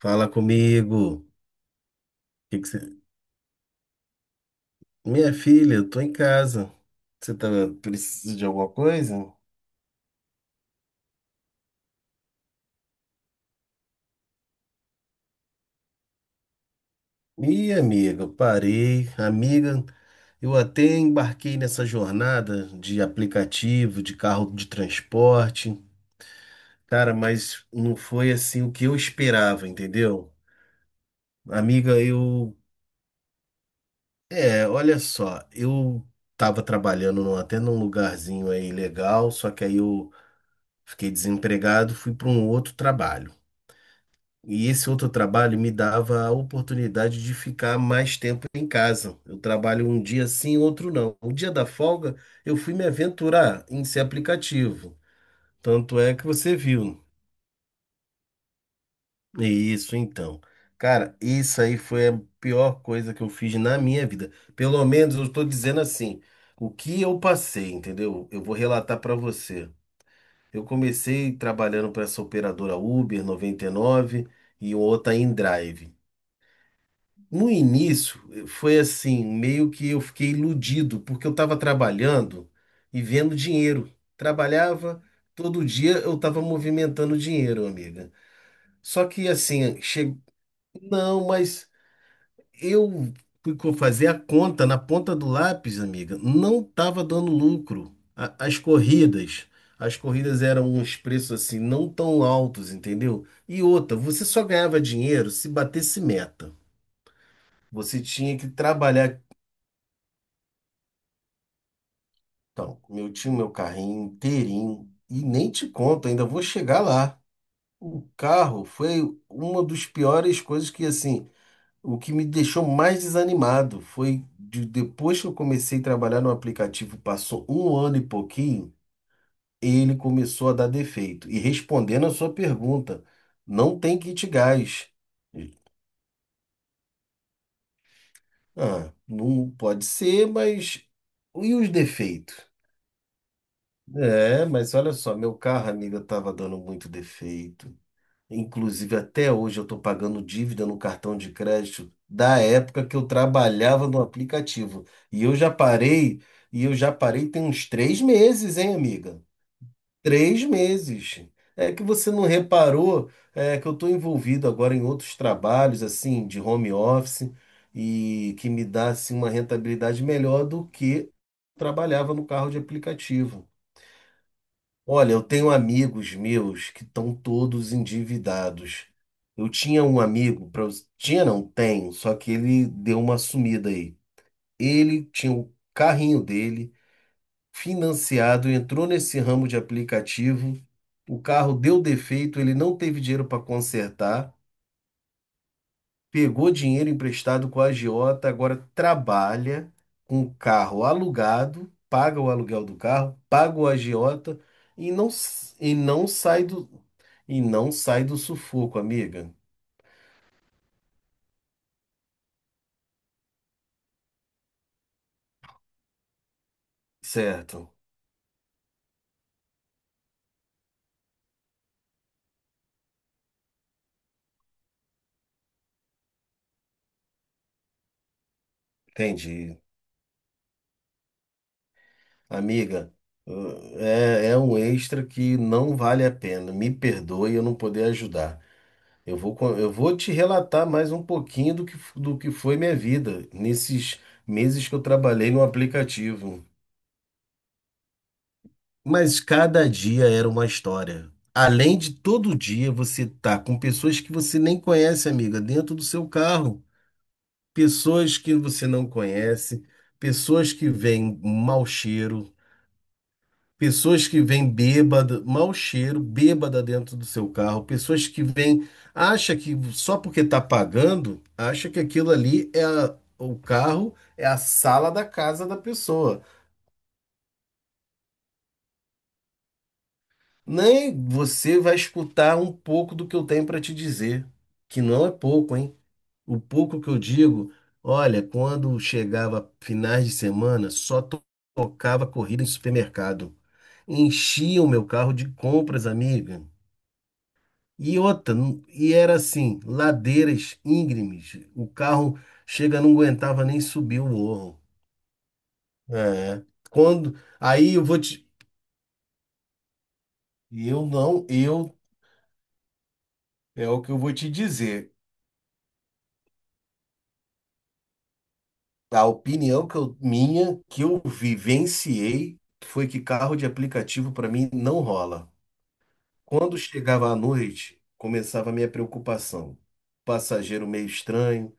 Fala comigo. Que que você- Minha filha, eu tô em casa. Você tá precisa de alguma coisa? Ih, amiga, eu parei. Amiga, eu até embarquei nessa jornada de aplicativo, de carro de transporte. Cara, mas não foi assim o que eu esperava, entendeu? Amiga, eu. É, olha só, eu tava trabalhando até num lugarzinho aí legal, só que aí eu fiquei desempregado, fui para um outro trabalho. E esse outro trabalho me dava a oportunidade de ficar mais tempo em casa. Eu trabalho um dia sim, outro não. O dia da folga, eu fui me aventurar em ser aplicativo. Tanto é que você viu, né? Isso, então. Cara, isso aí foi a pior coisa que eu fiz na minha vida. Pelo menos eu estou dizendo assim, o que eu passei, entendeu? Eu vou relatar para você. Eu comecei trabalhando para essa operadora Uber 99 e nove e outra em Drive. No início, foi assim, meio que eu fiquei iludido, porque eu estava trabalhando e vendo dinheiro. Trabalhava, todo dia eu estava movimentando dinheiro, amiga. Só que assim, chegou. Não, mas eu fui fazer a conta na ponta do lápis, amiga, não estava dando lucro. As corridas, eram uns preços assim, não tão altos, entendeu? E outra, você só ganhava dinheiro se batesse meta. Você tinha que trabalhar. Então, meu tinha meu carrinho inteirinho e nem te conto, ainda vou chegar lá. O carro foi uma das piores coisas que, assim, o que me deixou mais desanimado foi de, depois que eu comecei a trabalhar no aplicativo, passou um ano e pouquinho, ele começou a dar defeito. E respondendo a sua pergunta, não tem kit gás. Ah, não pode ser, mas e os defeitos? É, mas olha só, meu carro, amiga, estava dando muito defeito. Inclusive, até hoje eu estou pagando dívida no cartão de crédito da época que eu trabalhava no aplicativo. E eu já parei, e eu já parei tem uns 3 meses, hein, amiga? 3 meses. É que você não reparou, é que eu estou envolvido agora em outros trabalhos, assim, de home office, e que me dá, assim, uma rentabilidade melhor do que trabalhava no carro de aplicativo. Olha, eu tenho amigos meus que estão todos endividados. Eu tinha um amigo, tinha não, tenho, só que ele deu uma sumida aí. Ele tinha o carrinho dele financiado, entrou nesse ramo de aplicativo, o carro deu defeito, ele não teve dinheiro para consertar, pegou dinheiro emprestado com a agiota, agora trabalha com o carro alugado, paga o aluguel do carro, paga o agiota e não sai do sufoco, amiga. Certo, entendi. Amiga, é um extra que não vale a pena. Me perdoe eu não poder ajudar. Eu vou te relatar mais um pouquinho do que foi minha vida nesses meses que eu trabalhei no aplicativo. Mas cada dia era uma história. Além de todo dia você tá com pessoas que você nem conhece, amiga, dentro do seu carro. Pessoas que você não conhece, pessoas que vêm mau cheiro, pessoas que vêm bêbada, mau cheiro, bêbada dentro do seu carro, pessoas que vêm, acha que só porque tá pagando, acha que aquilo ali é o carro, é a sala da casa da pessoa. Nem você vai escutar um pouco do que eu tenho para te dizer, que não é pouco, hein? O pouco que eu digo, olha, quando chegava finais de semana, só tocava corrida em supermercado. Enchia o meu carro de compras, amiga. E outra, e era assim, ladeiras íngremes. O carro chega, não aguentava nem subir o morro. É. Quando, aí eu vou te, eu não, eu é o que eu vou te dizer. A opinião que eu, minha, que eu vivenciei, foi que carro de aplicativo para mim não rola. Quando chegava à noite, começava a minha preocupação. Passageiro meio estranho,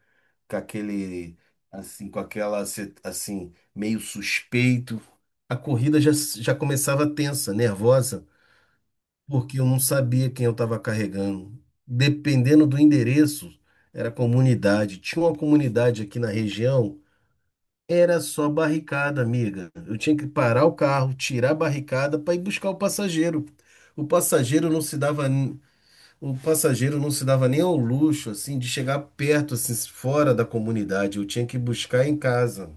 com aquele, assim, com aquela, assim, meio suspeito. A corrida já começava tensa, nervosa, porque eu não sabia quem eu estava carregando. Dependendo do endereço, era comunidade. Tinha uma comunidade aqui na região era só barricada, amiga. Eu tinha que parar o carro, tirar a barricada para ir buscar o passageiro. O passageiro não se dava, n- O passageiro não se dava nem ao luxo assim de chegar perto assim fora da comunidade. Eu tinha que buscar em casa.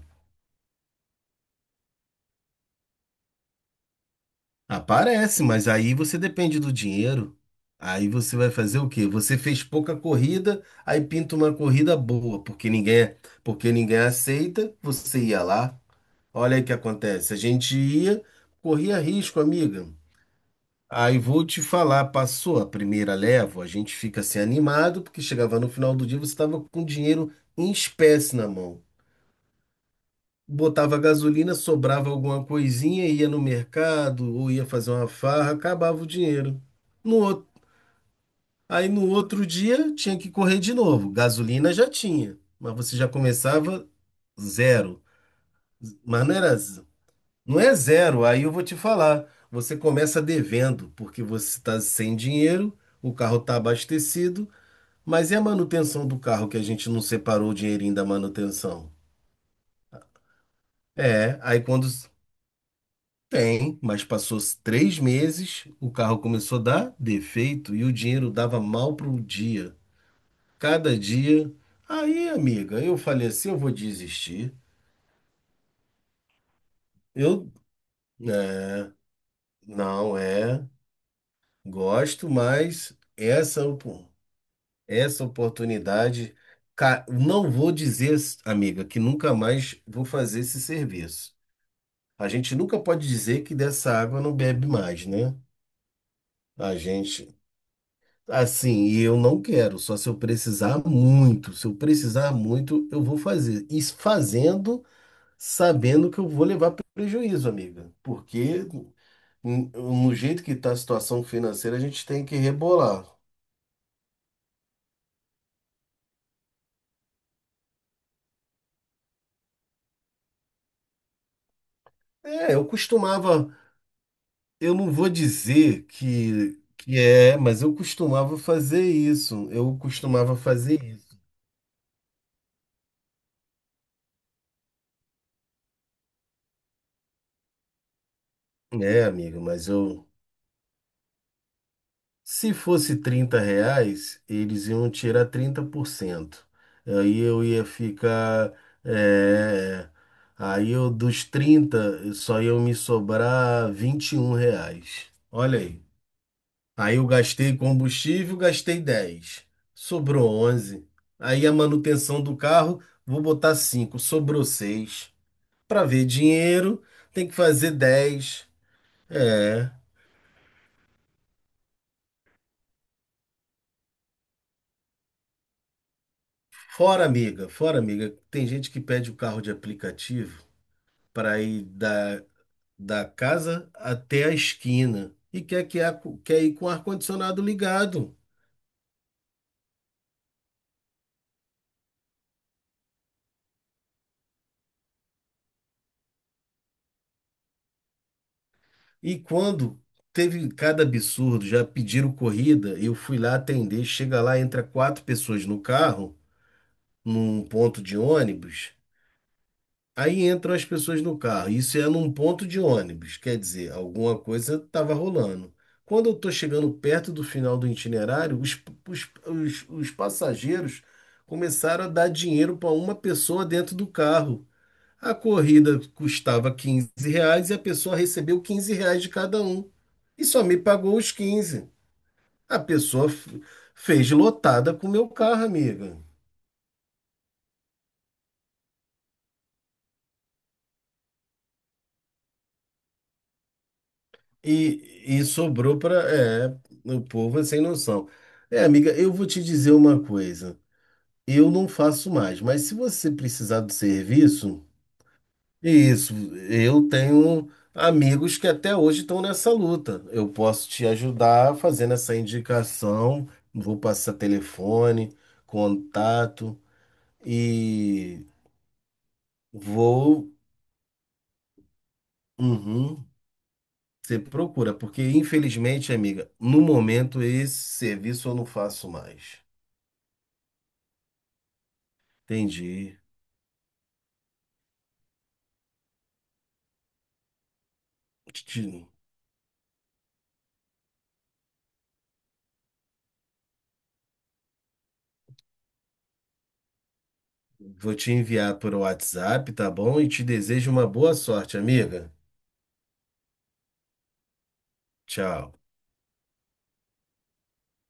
Aparece, mas aí você depende do dinheiro. Aí você vai fazer o quê? Você fez pouca corrida, aí pinta uma corrida boa, porque ninguém aceita, você ia lá. Olha aí o que acontece. A gente ia, corria risco, amiga. Aí vou te falar, passou a primeira leva, a gente fica assim animado, porque chegava no final do dia, você estava com dinheiro em espécie na mão. Botava gasolina, sobrava alguma coisinha, ia no mercado ou ia fazer uma farra, acabava o dinheiro. No outro, aí no outro dia tinha que correr de novo. Gasolina já tinha, mas você já começava zero. Mas não era. Não é zero, aí eu vou te falar. Você começa devendo, porque você está sem dinheiro, o carro está abastecido, mas e a manutenção do carro que a gente não separou o dinheirinho da manutenção? É, tem, mas passou 3 meses, o carro começou a dar defeito e o dinheiro dava mal pro dia. Cada dia. Aí, amiga, eu falei assim, eu vou desistir. Eu, é, não é, gosto, mas essa, pô. Essa oportunidade, não vou dizer, amiga, que nunca mais vou fazer esse serviço. A gente nunca pode dizer que dessa água não bebe mais, né? A gente, assim, e eu não quero, só se eu precisar muito. Se eu precisar muito, eu vou fazer. E fazendo, sabendo que eu vou levar prejuízo, amiga. Porque no jeito que está a situação financeira, a gente tem que rebolar. É, eu costumava Eu não vou dizer que é, mas eu costumava fazer isso. Eu costumava fazer isso. É, amigo, mas eu. Se fosse R$ 30, eles iam tirar 30%. Aí eu ia ficar. É, aí eu, dos 30 só iam me sobrar R$ 21. Olha aí. Aí eu gastei combustível, gastei 10. Sobrou 11. Aí a manutenção do carro, vou botar cinco. Sobrou 6. Para ver dinheiro, tem que fazer 10. É. Fora, amiga. Fora, amiga. Tem gente que pede o carro de aplicativo para ir da casa até a esquina e quer ir com o ar-condicionado ligado. E quando teve cada absurdo, já pediram corrida, eu fui lá atender, chega lá, entra quatro pessoas no carro, num ponto de ônibus. Aí entram as pessoas no carro. Isso é num ponto de ônibus, quer dizer, alguma coisa estava rolando. Quando eu estou chegando perto do final do itinerário, os passageiros começaram a dar dinheiro para uma pessoa dentro do carro. A corrida custava R$ 15 e a pessoa recebeu R$ 15 de cada um. E só me pagou os 15. A pessoa fez lotada com o meu carro, amiga. E sobrou para. É, o povo é sem noção. É, amiga, eu vou te dizer uma coisa. Eu não faço mais, mas se você precisar do serviço. Isso, eu tenho amigos que até hoje estão nessa luta. Eu posso te ajudar fazendo essa indicação, vou passar telefone, contato e vou. Uhum, você procura, porque infelizmente, amiga, no momento esse serviço eu não faço mais. Entendi. Te- Vou te enviar por WhatsApp, tá bom? E te desejo uma boa sorte, amiga. Tchau.